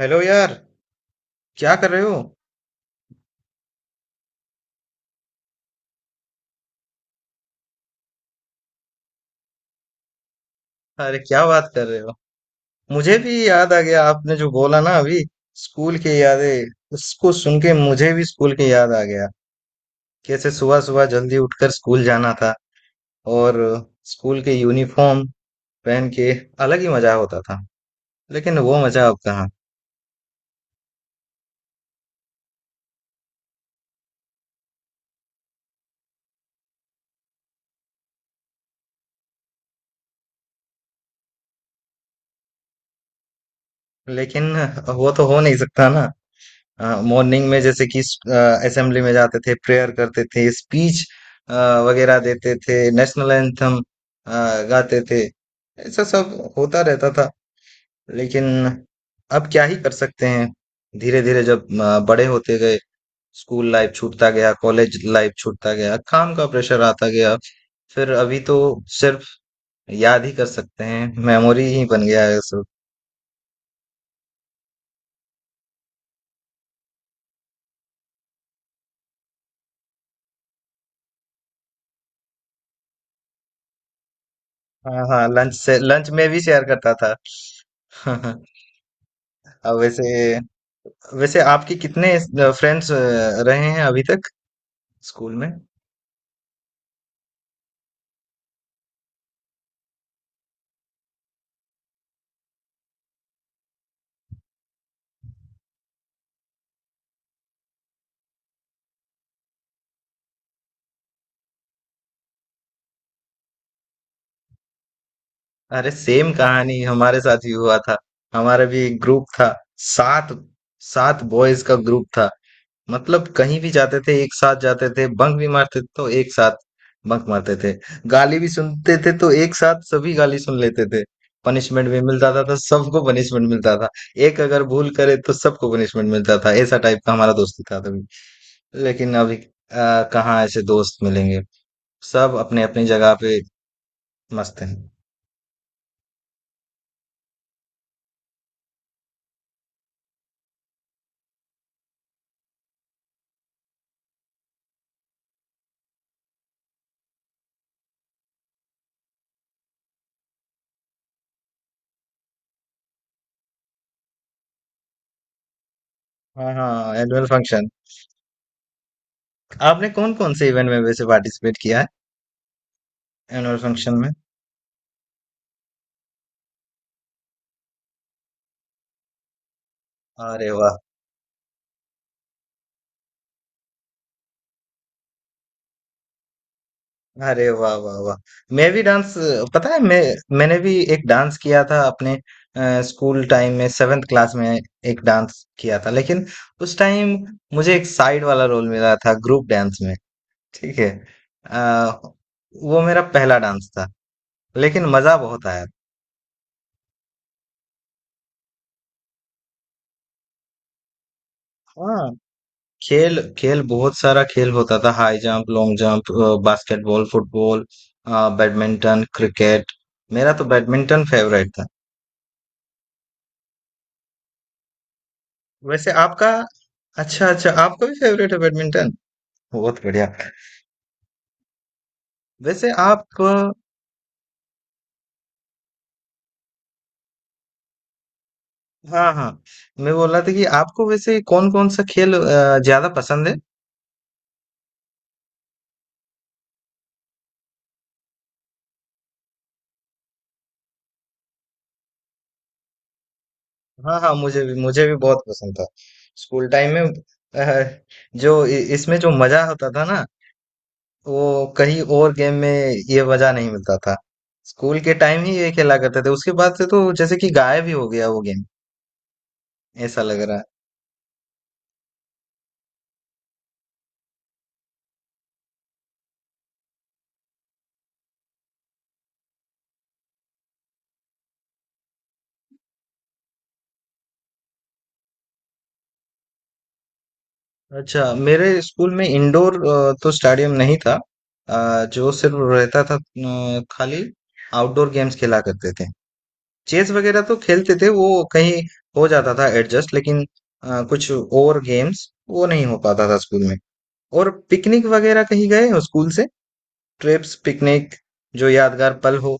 Hello यार। क्या कर रहे हो? अरे क्या बात कर रहे हो। मुझे भी याद आ गया, आपने जो बोला ना अभी, स्कूल की यादें। उसको सुन के मुझे भी स्कूल की याद आ गया। कैसे सुबह सुबह जल्दी उठकर स्कूल जाना था, और स्कूल के यूनिफॉर्म पहन के अलग ही मजा होता था। लेकिन वो मजा अब कहाँ। लेकिन वो तो हो नहीं सकता ना। मॉर्निंग में जैसे कि असेंबली में जाते थे, प्रेयर करते थे, स्पीच वगैरह देते थे, नेशनल एंथम गाते थे, ऐसा सब होता रहता था। लेकिन अब क्या ही कर सकते हैं। धीरे धीरे जब बड़े होते गए, स्कूल लाइफ छूटता गया, कॉलेज लाइफ छूटता गया, काम का प्रेशर आता गया। फिर अभी तो सिर्फ याद ही कर सकते हैं, मेमोरी ही बन गया है सब। हाँ हाँ, लंच से लंच में भी शेयर करता था। अब वैसे, वैसे आपके कितने फ्रेंड्स रहे हैं अभी तक स्कूल में? अरे सेम कहानी हमारे साथ भी हुआ था। हमारा भी एक ग्रुप था। सात सात बॉयज का ग्रुप था। मतलब कहीं भी जाते थे एक साथ जाते थे, बंक भी मारते थे तो एक साथ बंक मारते थे, गाली भी सुनते थे तो एक साथ सभी गाली सुन लेते थे, पनिशमेंट भी मिलता था तो सबको पनिशमेंट मिलता था। एक अगर भूल करे तो सबको पनिशमेंट मिलता था, ऐसा टाइप का हमारा दोस्ती था तभी। लेकिन अभी कहाँ ऐसे दोस्त मिलेंगे। सब अपने अपनी जगह पे मस्त हैं। हाँ हाँ, एनुअल फंक्शन। आपने कौन कौन से इवेंट में वैसे पार्टिसिपेट किया है एनुअल फंक्शन में? अरे वाह। अरे वाह वाह वाह। मैं भी डांस, पता है, मैंने भी एक डांस किया था अपने स्कूल टाइम में, सेवेंथ क्लास में। एक डांस किया था, लेकिन उस टाइम मुझे एक साइड वाला रोल मिला था ग्रुप डांस में। ठीक है। अ, वो मेरा पहला डांस था, लेकिन मजा बहुत आया। खेल, खेल बहुत सारा खेल होता था, high jump, long jump, basketball, football, badminton, cricket. मेरा तो बैडमिंटन फेवरेट था। वैसे आपका, अच्छा अच्छा, आपका भी फेवरेट है बैडमिंटन। बहुत बढ़िया। वैसे आप, हाँ हाँ, मैं बोल रहा था कि आपको वैसे कौन कौन सा खेल ज्यादा पसंद है? हाँ हाँ, मुझे भी, मुझे भी बहुत पसंद था स्कूल टाइम में। अ, जो इसमें जो मजा होता था ना, वो कहीं और गेम में ये मजा नहीं मिलता था। स्कूल के टाइम ही ये खेला करते थे, उसके बाद से तो जैसे कि गायब ही हो गया वो गेम, ऐसा लग रहा है। अच्छा, मेरे स्कूल में इंडोर तो स्टेडियम नहीं था, जो सिर्फ रहता था खाली आउटडोर गेम्स खेला करते थे। चेस वगैरह तो खेलते थे, वो कहीं हो जाता था एडजस्ट, लेकिन कुछ और गेम्स वो नहीं हो पाता था स्कूल में। और पिकनिक वगैरह कहीं गए हो स्कूल से, ट्रिप्स, पिकनिक, जो यादगार पल हो?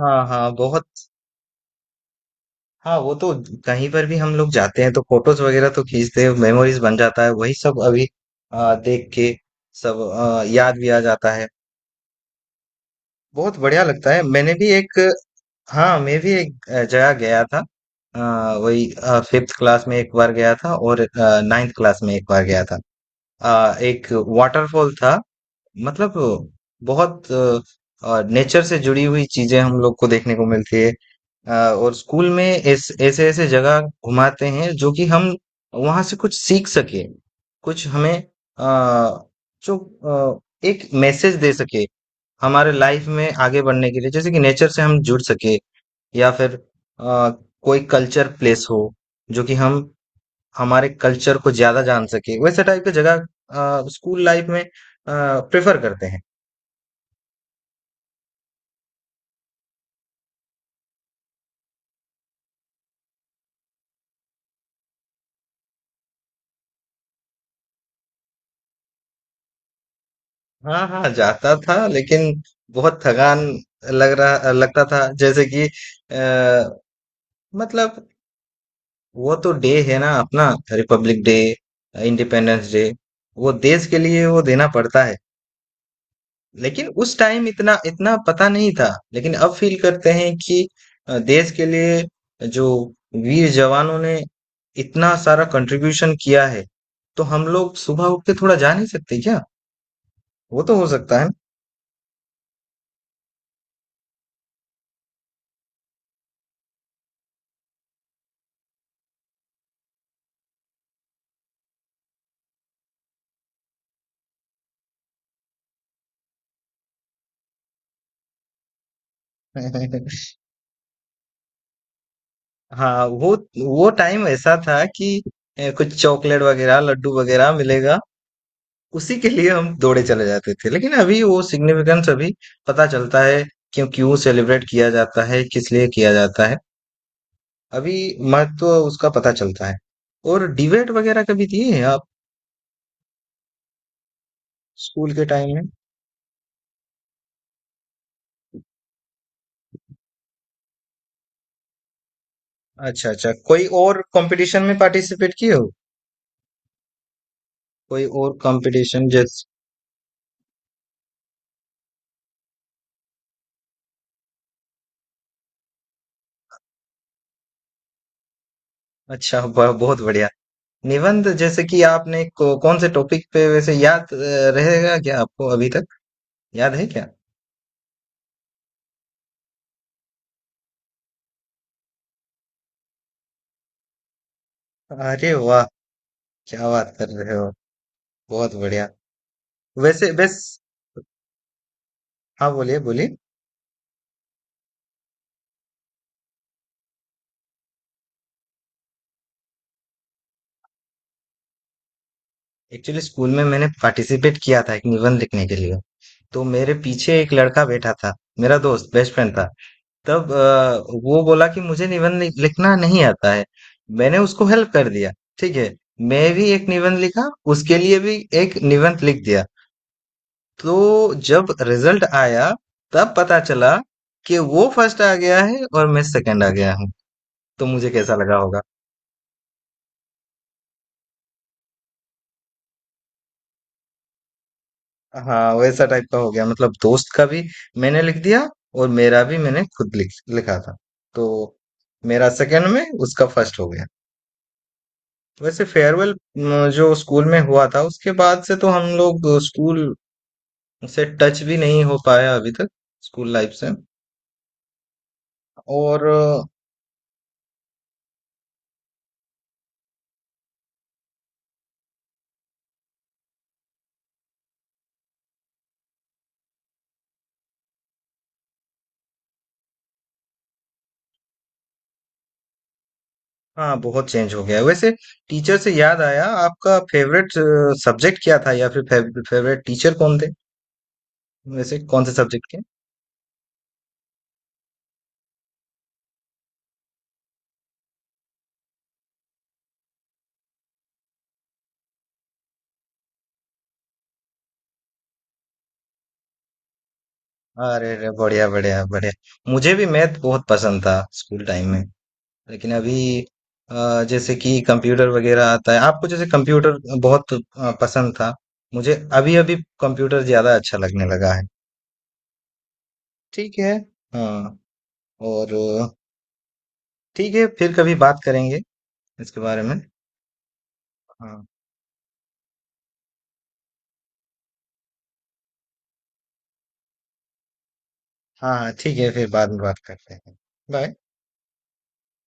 हाँ हाँ, बहुत। हाँ वो तो, कहीं पर भी हम लोग जाते हैं तो फोटोज वगैरह तो खींचते हैं, मेमोरीज बन जाता है वही सब। अभी देख के सब याद भी आ जाता है, बहुत बढ़िया लगता है। मैंने भी एक, हाँ मैं भी एक जगह गया था, वही फिफ्थ क्लास में एक बार गया था, और नाइन्थ क्लास में एक बार गया था। एक वाटरफॉल था, मतलब बहुत नेचर से जुड़ी हुई चीजें हम लोग को देखने को मिलती है। और स्कूल में ऐस ऐसे ऐसे जगह घुमाते हैं जो कि हम वहां से कुछ सीख सके, कुछ हमें अ, जो अ, एक मैसेज दे सके हमारे लाइफ में आगे बढ़ने के लिए, जैसे कि नेचर से हम जुड़ सके, या फिर अ, कोई कल्चर प्लेस हो, जो कि हम हमारे कल्चर को ज्यादा जान सके, वैसे टाइप की जगह स्कूल लाइफ में प्रेफर करते हैं। हाँ हाँ, जाता था, लेकिन बहुत थकान लग रहा लगता था। जैसे कि अ, मतलब वो तो डे है ना अपना, रिपब्लिक डे, इंडिपेंडेंस डे, वो देश के लिए वो देना पड़ता है। लेकिन उस टाइम इतना इतना पता नहीं था। लेकिन अब फील करते हैं कि देश के लिए जो वीर जवानों ने इतना सारा कंट्रीब्यूशन किया है, तो हम लोग सुबह उठ के थोड़ा जा नहीं सकते क्या? वो तो हो सकता है। हाँ वो टाइम ऐसा था कि कुछ चॉकलेट वगैरह, लड्डू वगैरह मिलेगा, उसी के लिए हम दौड़े चले जाते थे। लेकिन अभी वो सिग्निफिकेंस अभी पता चलता है, क्यों क्यों सेलिब्रेट किया जाता है, किस लिए किया जाता है। अभी महत्व उसका पता चलता है। और डिबेट वगैरह कभी दिए हैं आप स्कूल के टाइम में? अच्छा अच्छा, कोई और कंपटीशन में पार्टिसिपेट किए हो, कोई और कंपटीशन जैसे? अच्छा वाह, बहुत बढ़िया। निबंध जैसे कि आपने कौन से टॉपिक पे वैसे याद रहेगा क्या आपको अभी तक, याद है क्या? अरे वाह, क्या बात कर रहे हो। बहुत बढ़िया। वैसे बस, हाँ बोलिए बोलिए। एक्चुअली स्कूल में मैंने पार्टिसिपेट किया था एक निबंध लिखने के लिए, तो मेरे पीछे एक लड़का बैठा था, मेरा दोस्त बेस्ट फ्रेंड था तब। वो बोला कि मुझे निबंध लिखना नहीं आता है, मैंने उसको हेल्प कर दिया। ठीक है। मैं भी एक निबंध लिखा, उसके लिए भी एक निबंध लिख दिया। तो जब रिजल्ट आया, तब पता चला कि वो फर्स्ट आ गया है और मैं सेकंड आ गया हूँ। तो मुझे कैसा लगा होगा। हाँ वैसा टाइप का हो गया, मतलब दोस्त का भी मैंने लिख दिया, और मेरा भी मैंने खुद लिखा था। तो मेरा सेकंड में, उसका फर्स्ट हो गया। वैसे फेयरवेल जो स्कूल में हुआ था, उसके बाद से तो हम लोग स्कूल से टच भी नहीं हो पाया अभी तक, स्कूल लाइफ से। और हाँ, बहुत चेंज हो गया है वैसे। टीचर से याद आया, आपका फेवरेट सब्जेक्ट क्या था, या फिर फेवरेट टीचर कौन थे, वैसे कौन से सब्जेक्ट के? अरे अरे, बढ़िया बढ़िया बढ़िया, मुझे भी मैथ बहुत पसंद था स्कूल टाइम में। लेकिन अभी जैसे कि कंप्यूटर वगैरह आता है आपको, जैसे कंप्यूटर बहुत पसंद था मुझे, अभी अभी कंप्यूटर ज्यादा अच्छा लगने लगा है। ठीक है। हाँ। और ठीक है, फिर कभी बात करेंगे इसके बारे में। हाँ। हाँ, हाँ, ठीक है, फिर बाद में बात करते हैं। बाय।